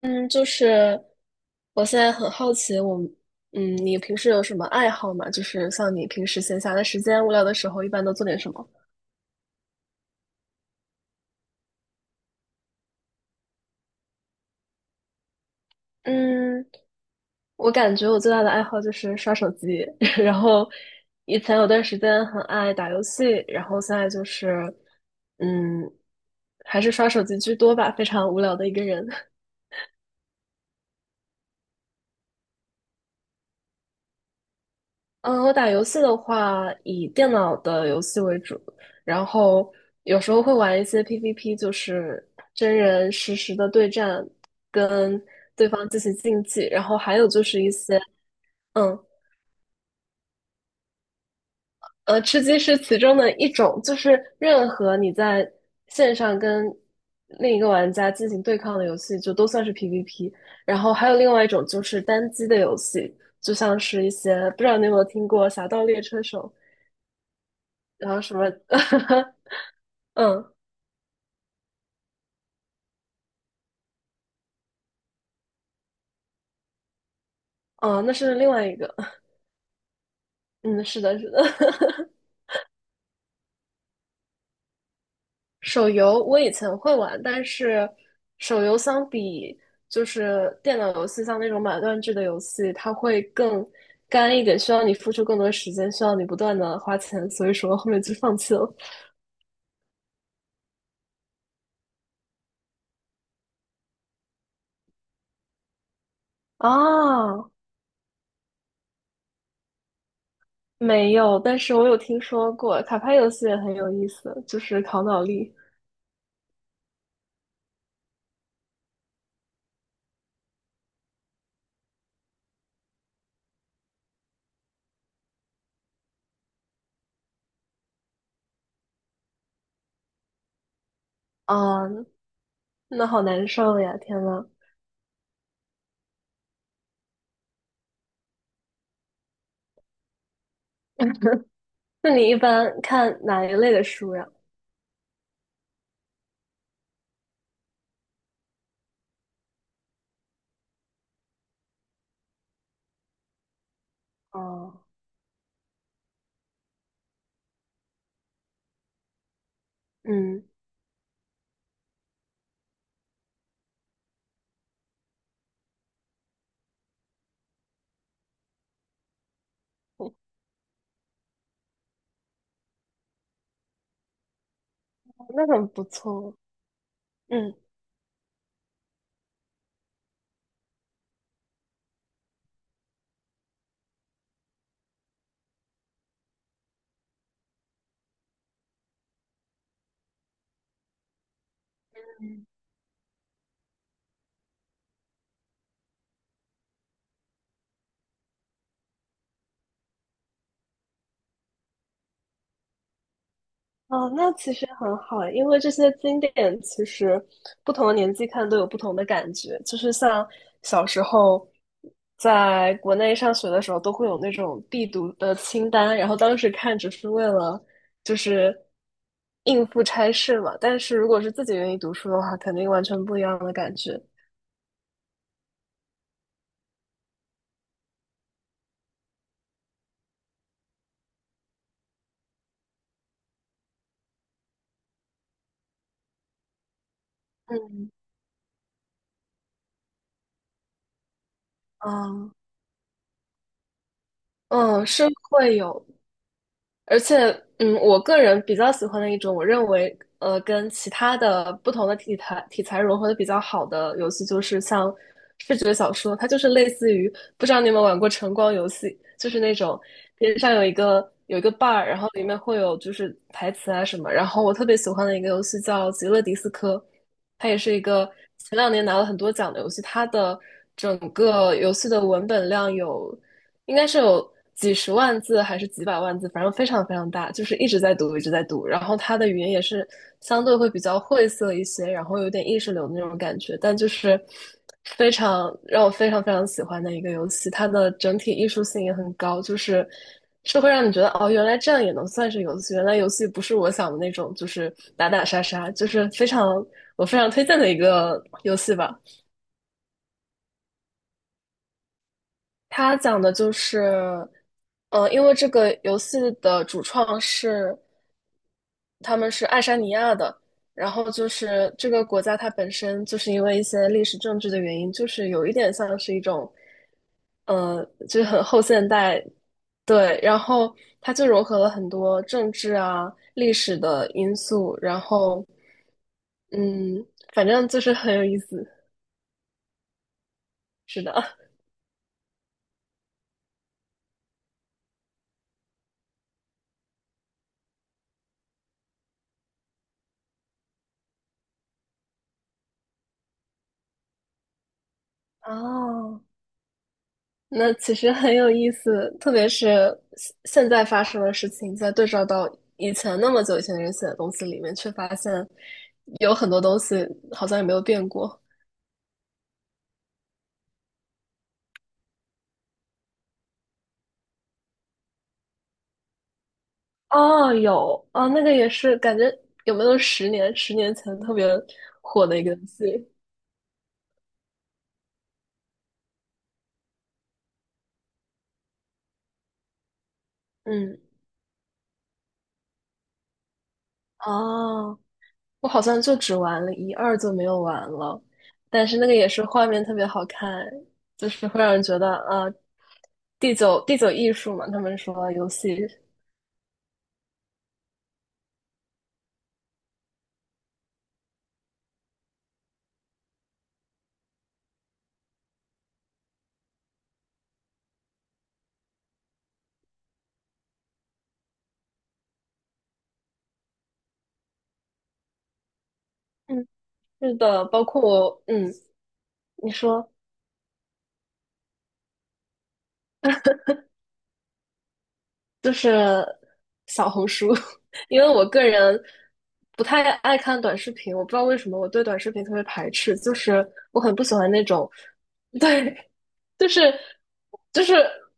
嗯，就是我现在很好奇你平时有什么爱好吗？就是像你平时闲暇的时间、无聊的时候，一般都做点什么？嗯，我感觉我最大的爱好就是刷手机，然后以前有段时间很爱打游戏，然后现在嗯，还是刷手机居多吧，非常无聊的一个人。嗯，我打游戏的话，以电脑的游戏为主，然后有时候会玩一些 PVP，就是真人实时的对战，跟对方进行竞技，然后还有就是一些，嗯，吃鸡是其中的一种，就是任何你在线上跟另一个玩家进行对抗的游戏，就都算是 PVP。然后还有另外一种就是单机的游戏，就像是一些，不知道你有没有听过《侠盗猎车手》，然后什么。嗯，哦，那是另外一个。嗯，是的，是的。手游我以前会玩，但是手游相比就是电脑游戏，像那种买断制的游戏，它会更干一点，需要你付出更多时间，需要你不断的花钱，所以说后面就放弃了。啊，没有，但是我有听说过卡牌游戏也很有意思，就是考脑力。啊，那好难受呀！天呐，那你一般看哪一类的书呀？哦，嗯。哦那很不错，嗯，哦，那其实很好，因为这些经典其实不同的年纪看都有不同的感觉，就是像小时候在国内上学的时候，都会有那种必读的清单，然后当时看只是为了就是应付差事嘛，但是如果是自己愿意读书的话，肯定完全不一样的感觉。嗯嗯嗯，是会有，而且，嗯，我个人比较喜欢的一种，我认为，跟其他的不同的题材融合的比较好的游戏，就是像视觉小说，它就是类似于，不知道你有没有玩过晨光游戏，就是那种边上有一个 bar，然后里面会有就是台词啊什么。然后我特别喜欢的一个游戏叫《极乐迪斯科》，它也是一个前两年拿了很多奖的游戏，它的整个游戏的文本量有。应该是有几十万字还是几百万字，反正非常非常大，就是一直在读，一直在读。然后它的语言也是相对会比较晦涩一些，然后有点意识流的那种感觉，但就是非常让我非常非常喜欢的一个游戏，它的整体艺术性也很高，就是是会让你觉得哦，原来这样也能算是游戏，原来游戏不是我想的那种，就是打打杀杀，就是非常我非常推荐的一个游戏吧。它讲的就是，因为这个游戏的主创是他们是爱沙尼亚的，然后就是这个国家它本身就是因为一些历史政治的原因，就是有一点像是一种，就是很后现代，对，然后它就融合了很多政治啊、历史的因素，然后，嗯，反正就是很有意思，是的，哦，那其实很有意思，特别是现在发生的事情，再对照到以前那么久以前的人写的东西里面，却发现有很多东西好像也没有变过。哦，有，哦，那个也是，感觉有没有十年、十年前特别火的一个游戏？嗯，哦，我好像就只玩了一二就没有玩了，但是那个也是画面特别好看，就是会让人觉得啊，第九艺术嘛，他们说游戏。嗯。是的，包括我，嗯，你说就是小红书，因为我个人不太爱看短视频，我不知道为什么我对短视频特别排斥，就是我很不喜欢那种，对，就是就是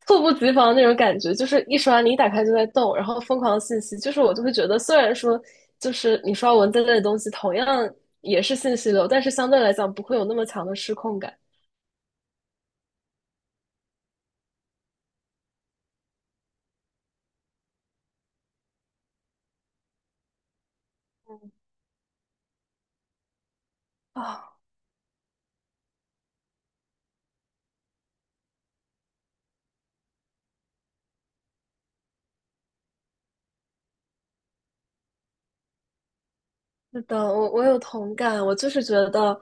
猝不及防那种感觉，就是一刷你一打开就在动，然后疯狂的信息，就是我就会觉得，虽然说就是你刷文字类的东西同样也是信息流，但是相对来讲不会有那么强的失控感啊，是的，我有同感，我就是觉得，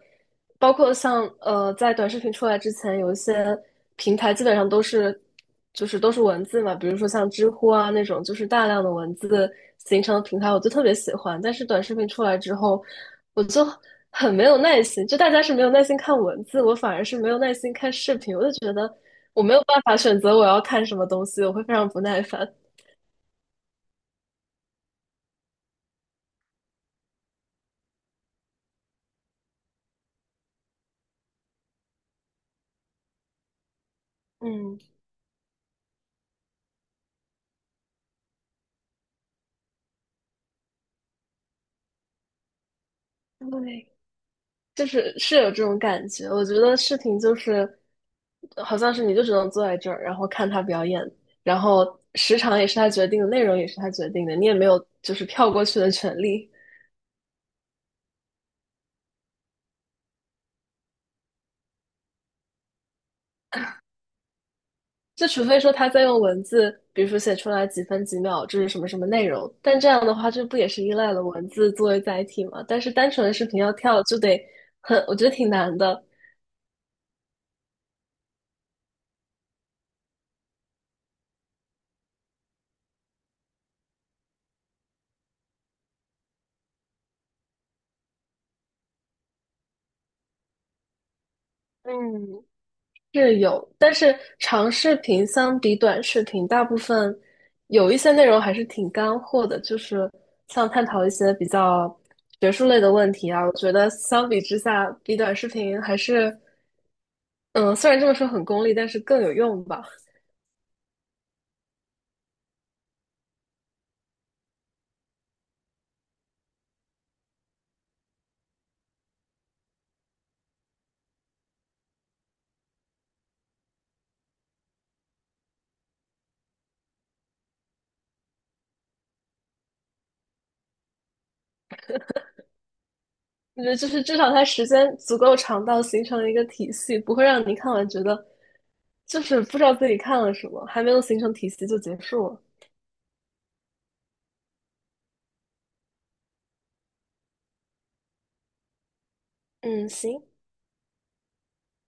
包括像在短视频出来之前，有一些平台基本上都是，就是都是文字嘛，比如说像知乎啊那种，就是大量的文字形成的平台，我就特别喜欢。但是短视频出来之后，我就很没有耐心，就大家是没有耐心看文字，我反而是没有耐心看视频，我就觉得我没有办法选择我要看什么东西，我会非常不耐烦。嗯，对。就是是有这种感觉。我觉得视频就是，好像是你就只能坐在这儿，然后看他表演，然后时长也是他决定的，内容也是他决定的，你也没有就是跳过去的权利。就除非说他在用文字，比如说写出来几分几秒，这是什么什么内容，但这样的话，这不也是依赖了文字作为载体吗？但是单纯的视频要跳，就得很，我觉得挺难的。嗯，是有，但是长视频相比短视频，大部分有一些内容还是挺干货的，就是像探讨一些比较学术类的问题啊。我觉得相比之下，比短视频还是，嗯，虽然这么说很功利，但是更有用吧。我觉得就是至少它时间足够长到形成一个体系，不会让你看完觉得就是不知道自己看了什么，还没有形成体系就结束了。嗯，行。